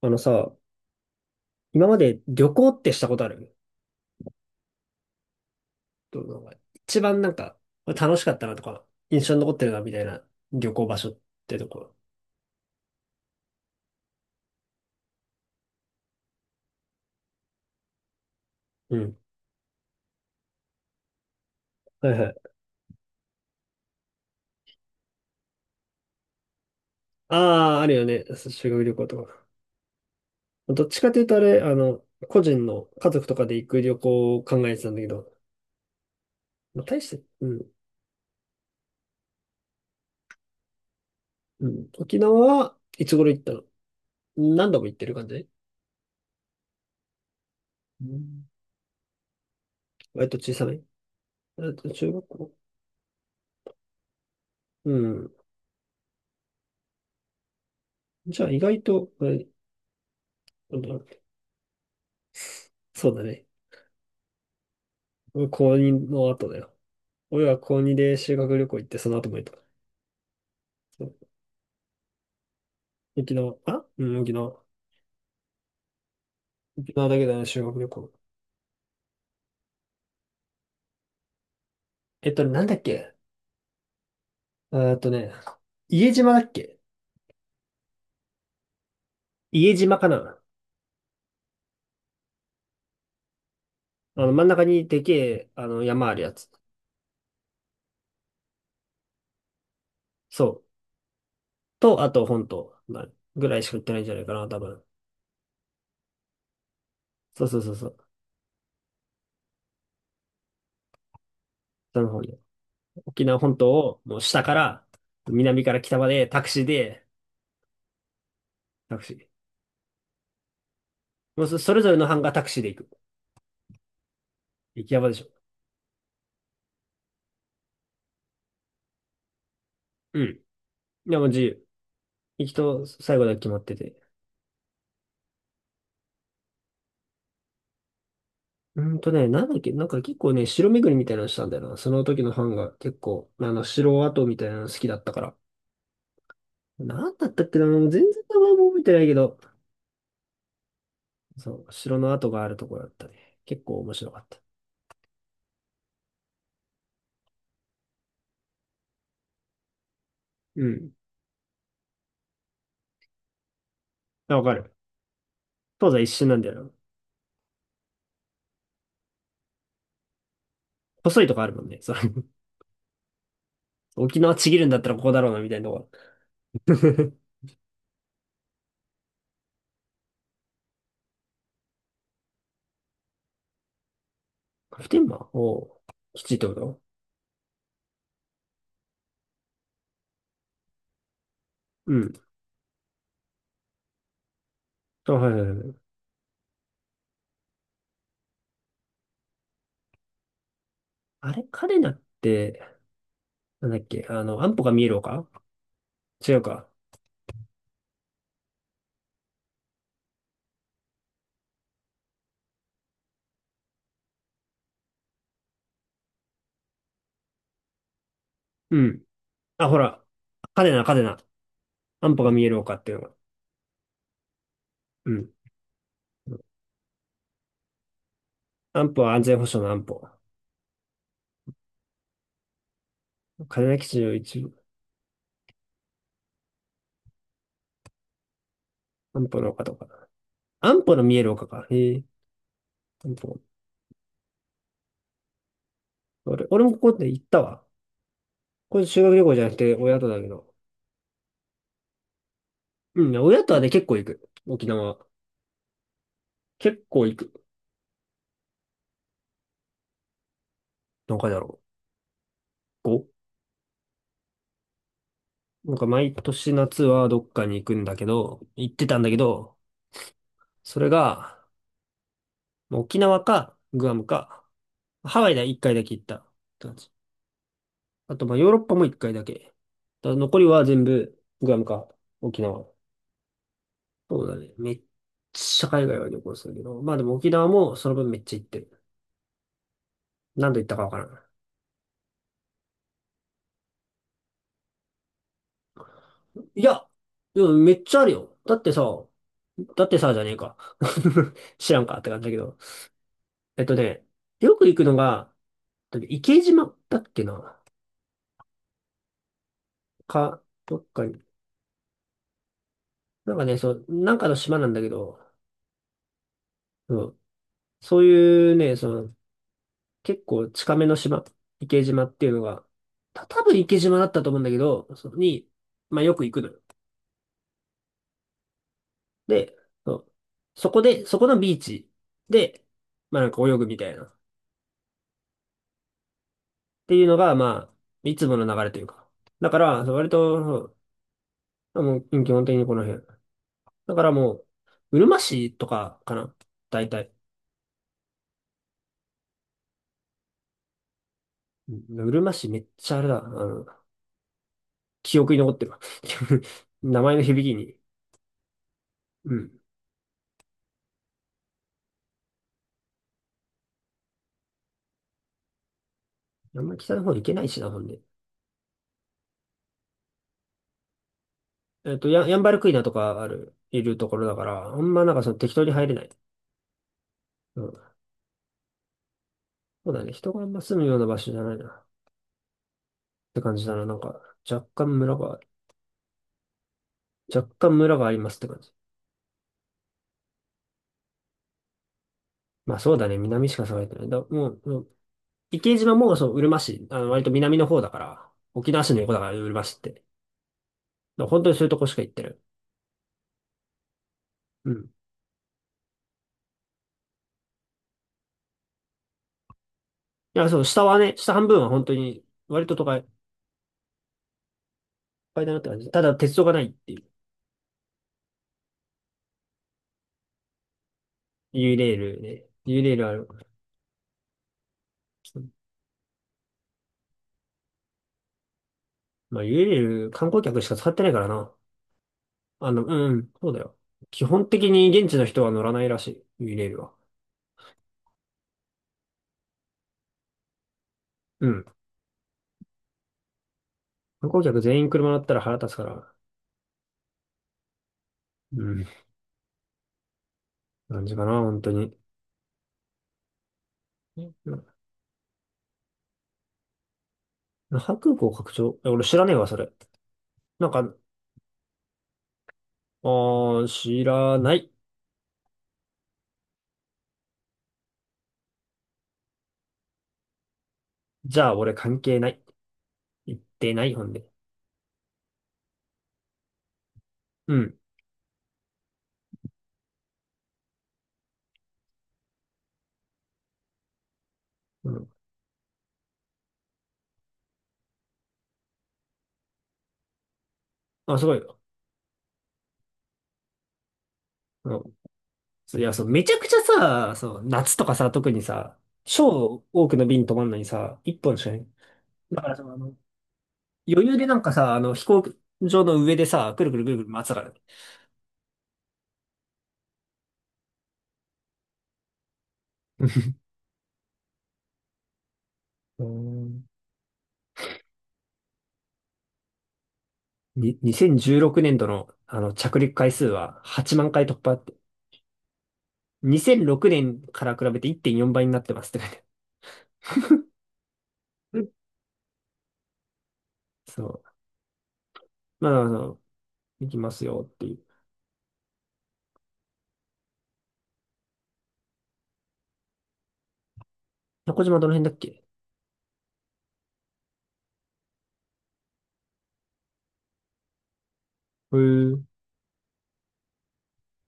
あのさ、今まで旅行ってしたことある？どう、なんか一番なんか楽しかったなとか、印象に残ってるなみたいな旅行場所ってとこ。うん。はいはい。ああ、あるよね。そう修学旅行とか。どっちかというとあれ、個人の家族とかで行く旅行を考えてたんだけど、まあ大して、うん。うん。沖縄はいつ頃行ったの？何度も行ってる感じ？うん、割と小さめ中学校。うん。じゃあ意外と、とそうだね。俺高にの後だよ。俺は高2で修学旅行行って、その後も行った。そう、沖縄、あうん、沖縄。沖縄だけだね、修学旅行。なんだっけ、えーっとね、家島だっけ？家島かな。あの、真ん中にでけえ、あの、山あるやつ。そう。と、あと、本島まあぐらいしか行ってないんじゃないかな、多分。そうそうそうそう。その方に。沖縄本島を、もう下から、南から北まで、タクシーで、タクシー。もうそれぞれの班がタクシーで行く。行き山でしょ。うん。でも自由。行きと最後だけ決まってて。うーんとね、なんだっけ、なんか結構ね、城巡りみたいなのしたんだよな。その時のファンが結構、城跡みたいなの好きだったから。なんだったっけな、もう全然名前も覚えてないけど、そう、城の跡があるところだったね。結構面白かった。うん。あ、わかる。東西一瞬なんだよな。細いとこあるもんね。そう。沖縄ちぎるんだったらここだろうな、みたいなとこ。普天間おう。きついってこと？うん。あ、はいはいはい。あれ、彼なって、なんだっけ、安保が見える丘。違うか。うん。あ、ほら、カデナ、カデナ。安保が見える丘っていうのが。うん。安保は安全保障の安保。嘉手納基地の一部。安保の丘とか。安保の見える丘か。へえ。安保。俺、ここで行ったわ。これ修学旅行じゃなくて親とだけど。うん、親とはね、結構行く。沖縄。結構行く。何回だろう。ご、なんか毎年夏はどっかに行くんだけど、行ってたんだけど、それが、沖縄か、グアムか、ハワイで1回だけ行った。あと、まあ、ヨーロッパも一回だけ。だから残りは全部、グアムか、沖縄。そうだね。めっちゃ海外は旅行するけど。まあでも沖縄もその分めっちゃ行ってる。何度行ったかわからん。いや、でもめっちゃあるよ。だってさ、じゃねえか。知らんかって感じだけど。えっとね、よく行くのが、池島だっけな。か、どっかに。なんかね、そう、なんかの島なんだけど、うん、そういうね、その、結構近めの島、池島っていうのが、多分池島だったと思うんだけど、そこに、まあよく行くのよ。で、そう、そこで、そこのビーチで、まあなんか泳ぐみたいな。っていうのが、まあ、いつもの流れというか。だから、そう割と、そう、もう基本的にこの辺。だからもう、うるま市とかかな。大体。うん、うるま市めっちゃあれだ。あの、記憶に残ってるわ。名前の響きに。うん。あんまり北の方行けないしな、ほんで。ヤンバルクイナとかある、いるところだから、あんまなんかその適当に入れない。うん。そうだね。人があんま住むような場所じゃないなって感じだな。なんか、若干村が、若干村がありますって感じ。まあそうだね。南しか栄えてない。だ、もう、もう池島もそう、うるま市、割と南の方だから、沖縄市の横だから、うるま市って。だから本当にそういうとこしか行ってる。うん。いや、そう、下はね、下半分は本当に、割と都会いっぱいだなって感じ。ただ、鉄道がないっていう。ユーレールね。ユーレールある。まあ、家でいる観光客しか使ってないからな。あの、うん、そうだよ。基本的に現地の人は乗らないらしい、ユレールは。うん。観光客全員車乗ったら腹立つから。うん。感じかな、本当に。な、那覇空港拡張？え、俺知らねえわ、それ。なんか、あー、知らない。じゃあ、俺関係ない。言ってない、ほんで。うん。うん。あ、すごいよ。うん。そういや、そう、めちゃくちゃさ、そう、夏とかさ、特にさ、超多くの便止まんのにさ、一本しかない。だからその、余裕でなんかさ、飛行場の上でさ、くるくるくるくる回ってたからね。うん。に2016年度の、あの着陸回数は8万回突破って。2006年から比べて1.4倍になってますって書いてある。うん、そう。まあ、行きますよっていう。宮古島どの辺だっけ？へえ。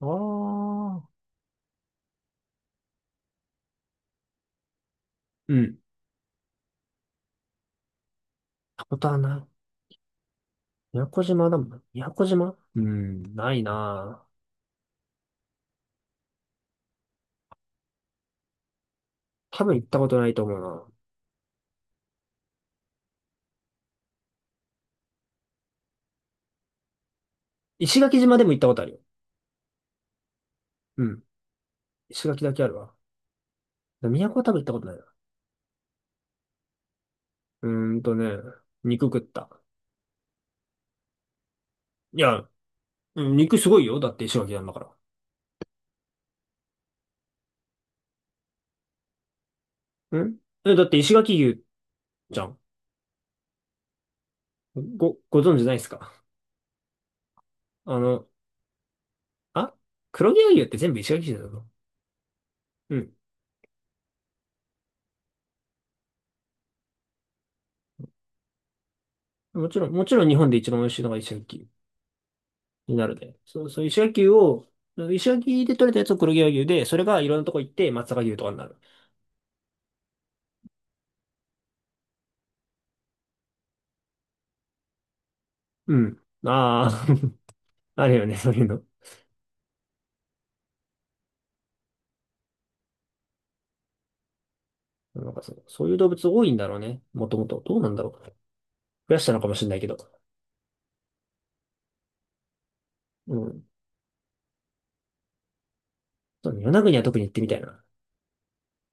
ああ。うん。行ったことはない。宮古島だもんな。宮古島、うん、ないなぁ。多分行ったことないと思うな。石垣島でも行ったことあるよ。うん。石垣だけあるわ。都は多分行ったことないな。うーんとね、肉食った。いや、うん肉すごいよ。だって石垣なんだから。ん、え、だって石垣牛じゃん。ご存知ないですか？あの、あ黒毛和牛って全部石垣牛だぞ。うん。もちろん、もちろん日本で一番美味しいのが石垣牛になるで。そう、そう、石垣牛を、石垣で取れたやつを黒毛和牛で、それがいろんなとこ行って松阪牛とかになる。うん。ああ、あるよね、そういうの。なんかそう、そういう動物多いんだろうね。もともと。どうなんだろう。増やしたのかもしれないけど。うん、そうね、与那国は特に行ってみたいな。